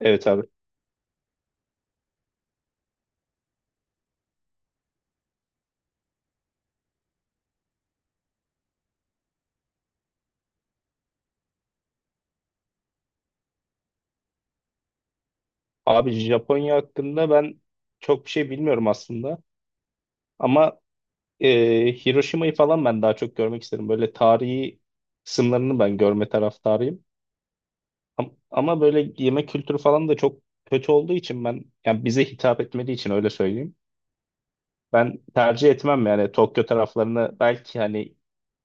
Evet abi. Abi Japonya hakkında ben çok bir şey bilmiyorum aslında. Ama Hiroşima'yı falan ben daha çok görmek isterim. Böyle tarihi kısımlarını ben görme taraftarıyım. Ama böyle yemek kültürü falan da çok kötü olduğu için ben yani bize hitap etmediği için öyle söyleyeyim. Ben tercih etmem yani Tokyo taraflarını belki hani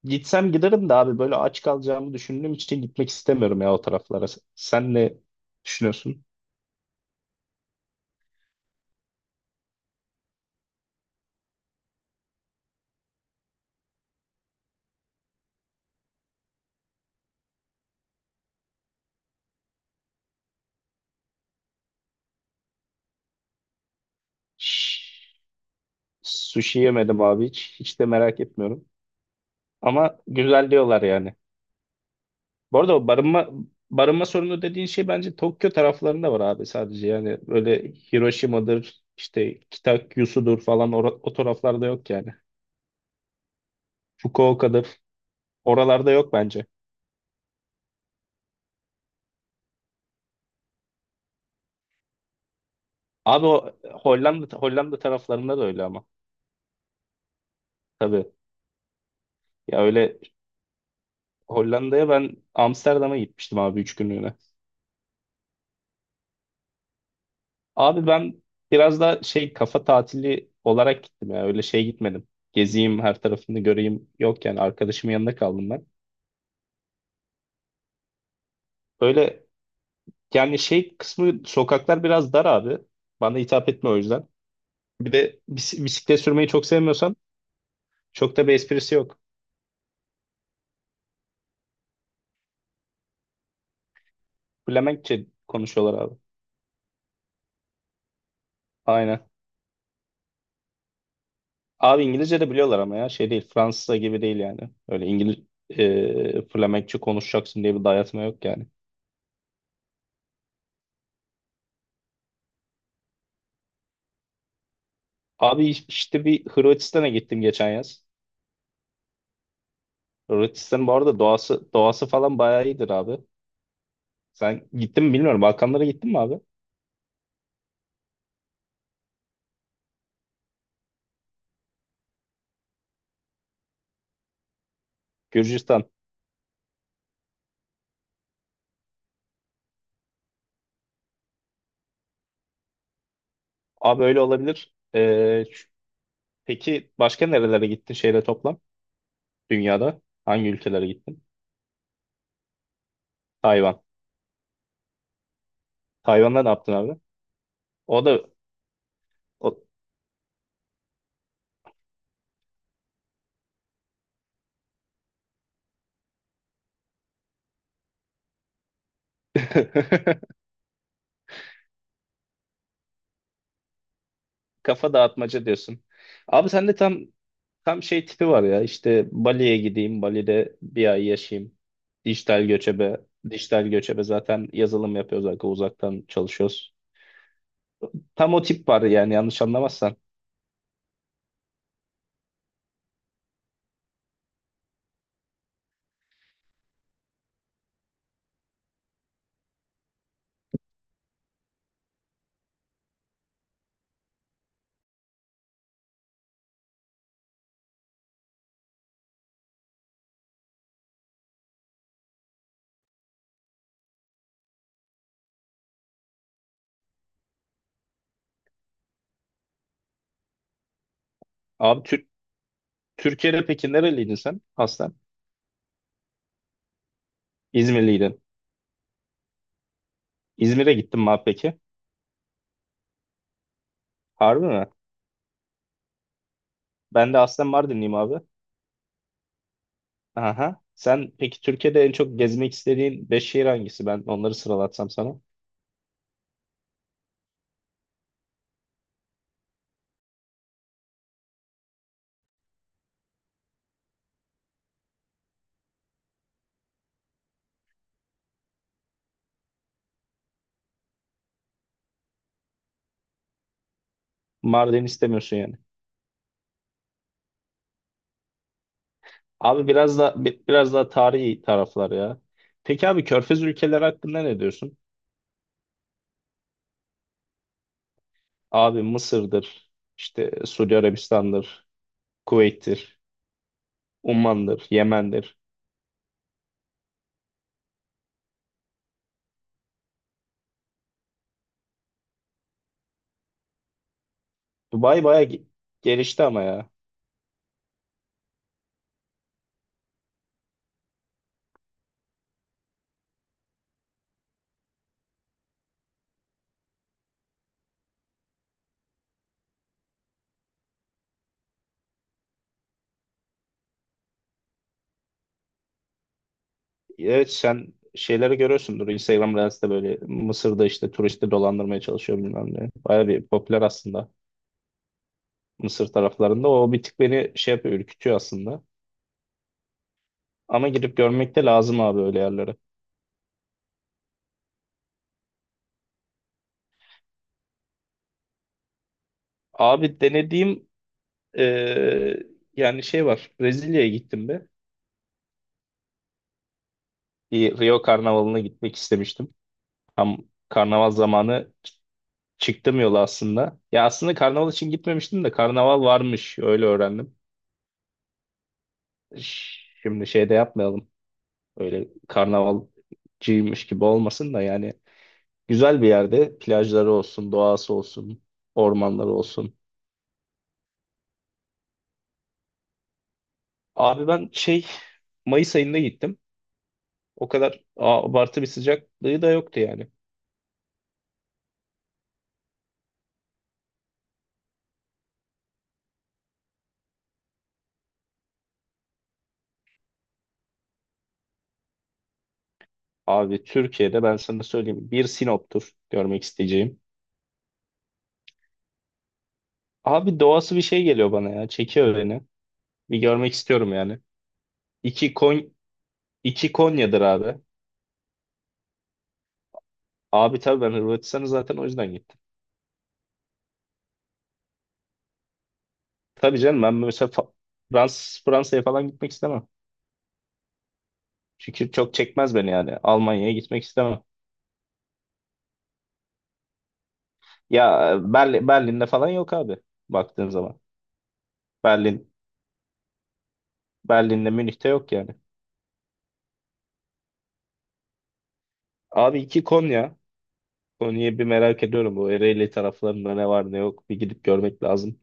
gitsem giderim de abi böyle aç kalacağımı düşündüğüm için gitmek istemiyorum ya o taraflara. Sen ne düşünüyorsun? Sushi yemedim abi hiç. Hiç de merak etmiyorum. Ama güzel diyorlar yani. Bu arada o barınma barınma sorunu dediğin şey bence Tokyo taraflarında var abi sadece. Yani böyle Hiroşima'dır, işte Kitakyusu'dur falan o taraflarda yok yani. Fukuoka'dır. Oralarda yok bence. Abi o Hollanda Hollanda taraflarında da öyle ama. Tabii. Ya öyle Hollanda'ya ben Amsterdam'a gitmiştim abi 3 günlüğüne. Abi ben biraz da şey kafa tatili olarak gittim ya. Öyle şey gitmedim. Gezeyim her tarafını göreyim. Yok yani arkadaşımın yanında kaldım ben. Öyle yani şey kısmı sokaklar biraz dar abi. Bana hitap etme o yüzden. Bir de bisiklet sürmeyi çok sevmiyorsan çok da bir esprisi yok. Flemenkçe konuşuyorlar abi. Aynen. Abi İngilizce de biliyorlar ama ya şey değil. Fransızca gibi değil yani. Öyle Flemenkçe konuşacaksın diye bir dayatma yok yani. Abi işte bir Hırvatistan'a gittim geçen yaz. Hırvatistan'ın bu arada doğası doğası falan bayağı iyidir abi. Sen gittin mi bilmiyorum. Balkanlara gittin mi abi? Gürcistan. Abi öyle olabilir. Peki başka nerelere gittin şeyle toplam? Dünyada hangi ülkelere gittin? Tayvan. Tayvan'da ne yaptın abi? O da o... kafa dağıtmaca diyorsun. Abi sende tam şey tipi var ya. İşte Bali'ye gideyim, Bali'de bir ay yaşayayım. Dijital göçebe, dijital göçebe zaten yazılım yapıyoruz, arka uzaktan çalışıyoruz. Tam o tip var yani yanlış anlamazsan. Abi Türkiye'de peki nereliydin sen? Aslen. İzmirliydin. İzmir'e gittin mi abi peki? Harbi mi? Ben de aslen Mardinliyim abi. Aha. Sen peki Türkiye'de en çok gezmek istediğin 5 şehir hangisi? Ben onları sıralatsam sana. Mardin istemiyorsun yani. Abi biraz da biraz daha tarihi taraflar ya. Peki abi Körfez ülkeleri hakkında ne diyorsun? Abi Mısır'dır, işte Suudi Arabistan'dır, Kuveyt'tir, Umman'dır, Yemen'dir. Dubai bayağı gelişti ama ya. Evet sen şeyleri görüyorsundur. Instagram Reels'te böyle Mısır'da işte turisti dolandırmaya çalışıyor bilmem ne. Baya bir popüler aslında Mısır taraflarında. O bir tık beni şey yapıyor, ürkütüyor aslında. Ama gidip görmek de lazım abi öyle yerlere. Abi denediğim eee, yani şey var. Brezilya'ya gittim be. Bir Rio Karnavalı'na gitmek istemiştim. Tam karnaval zamanı çıktım yola aslında. Ya aslında karnaval için gitmemiştim de karnaval varmış öyle öğrendim. Şimdi şey de yapmayalım. Öyle karnavalcıymış gibi olmasın da yani güzel bir yerde plajları olsun, doğası olsun, ormanları olsun. Abi ben şey Mayıs ayında gittim. O kadar abartı bir sıcaklığı da yoktu yani. Abi Türkiye'de ben sana söyleyeyim bir Sinop'tur görmek isteyeceğim. Abi doğası bir şey geliyor bana ya. Çekiyor beni. Bir görmek istiyorum yani. İki Kon iki Konya'dır abi. Abi tabii ben Hırvatistan'ı zaten o yüzden gittim. Tabii canım ben mesela Fransa'ya falan gitmek istemem. Çünkü çok çekmez beni yani. Almanya'ya gitmek istemem. Ya Berlin, Berlin'de falan yok abi baktığın zaman. Berlin Berlin'de Münih'te yok yani. Abi iki Konya. Konya'yı bir merak ediyorum. Bu Ereğli taraflarında ne var ne yok bir gidip görmek lazım.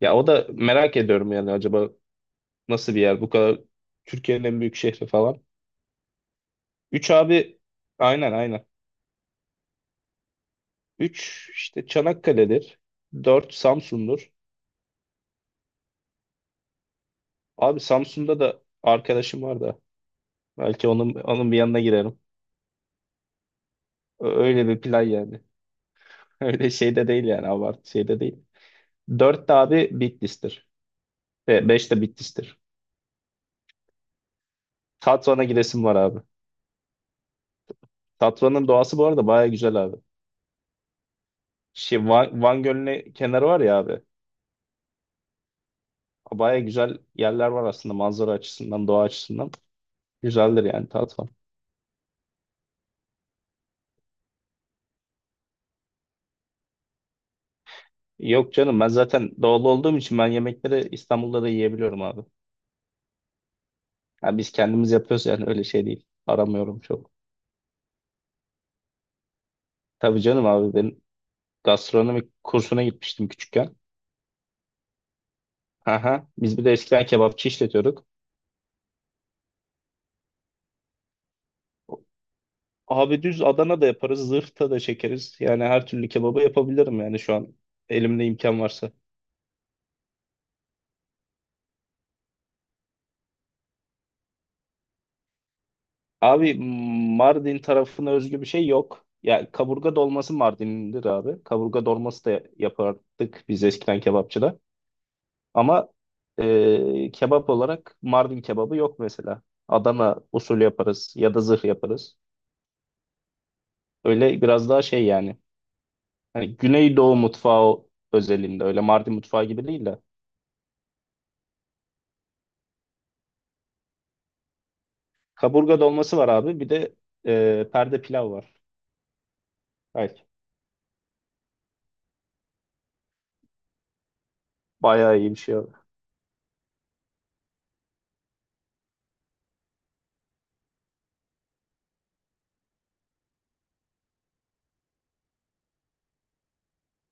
Ya o da merak ediyorum yani acaba nasıl bir yer bu kadar Türkiye'nin en büyük şehri falan. Üç abi aynen aynen. Üç işte Çanakkale'dir. Dört Samsun'dur. Abi Samsun'da da arkadaşım var da. Belki onun bir yanına girerim. Öyle bir plan yani. Öyle şey de değil yani abartı şey de değil. Dört de abi Bitlis'tir. Ve beş de Bitlis'tir. Tatvan'a gidesim var abi. Tatvan'ın doğası bu arada baya güzel abi. Şey, Van Gölü'nün kenarı var ya abi. Baya güzel yerler var aslında manzara açısından, doğa açısından. Güzeldir yani Tatvan. Yok canım ben zaten doğulu olduğum için ben yemekleri İstanbul'da da yiyebiliyorum abi. Yani biz kendimiz yapıyoruz yani öyle şey değil. Aramıyorum çok. Tabii canım abi ben gastronomi kursuna gitmiştim küçükken. Aha, biz bir de eskiden kebapçı işletiyorduk. Abi düz Adana da yaparız, zırhta da çekeriz. Yani her türlü kebabı yapabilirim yani şu an elimde imkan varsa. Abi Mardin tarafına özgü bir şey yok. Ya kaburga dolması Mardin'dir abi. Kaburga dolması da yapardık biz eskiden kebapçıda. Ama kebap olarak Mardin kebabı yok mesela. Adana usulü yaparız ya da zırh yaparız. Öyle biraz daha şey yani. Hani Güneydoğu mutfağı özelinde öyle Mardin mutfağı gibi değil de. Kaburga dolması var abi bir de perde pilav var. Ay, bayağı iyi bir şey abi.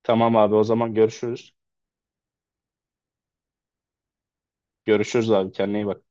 Tamam abi o zaman görüşürüz. Görüşürüz abi kendine iyi bak.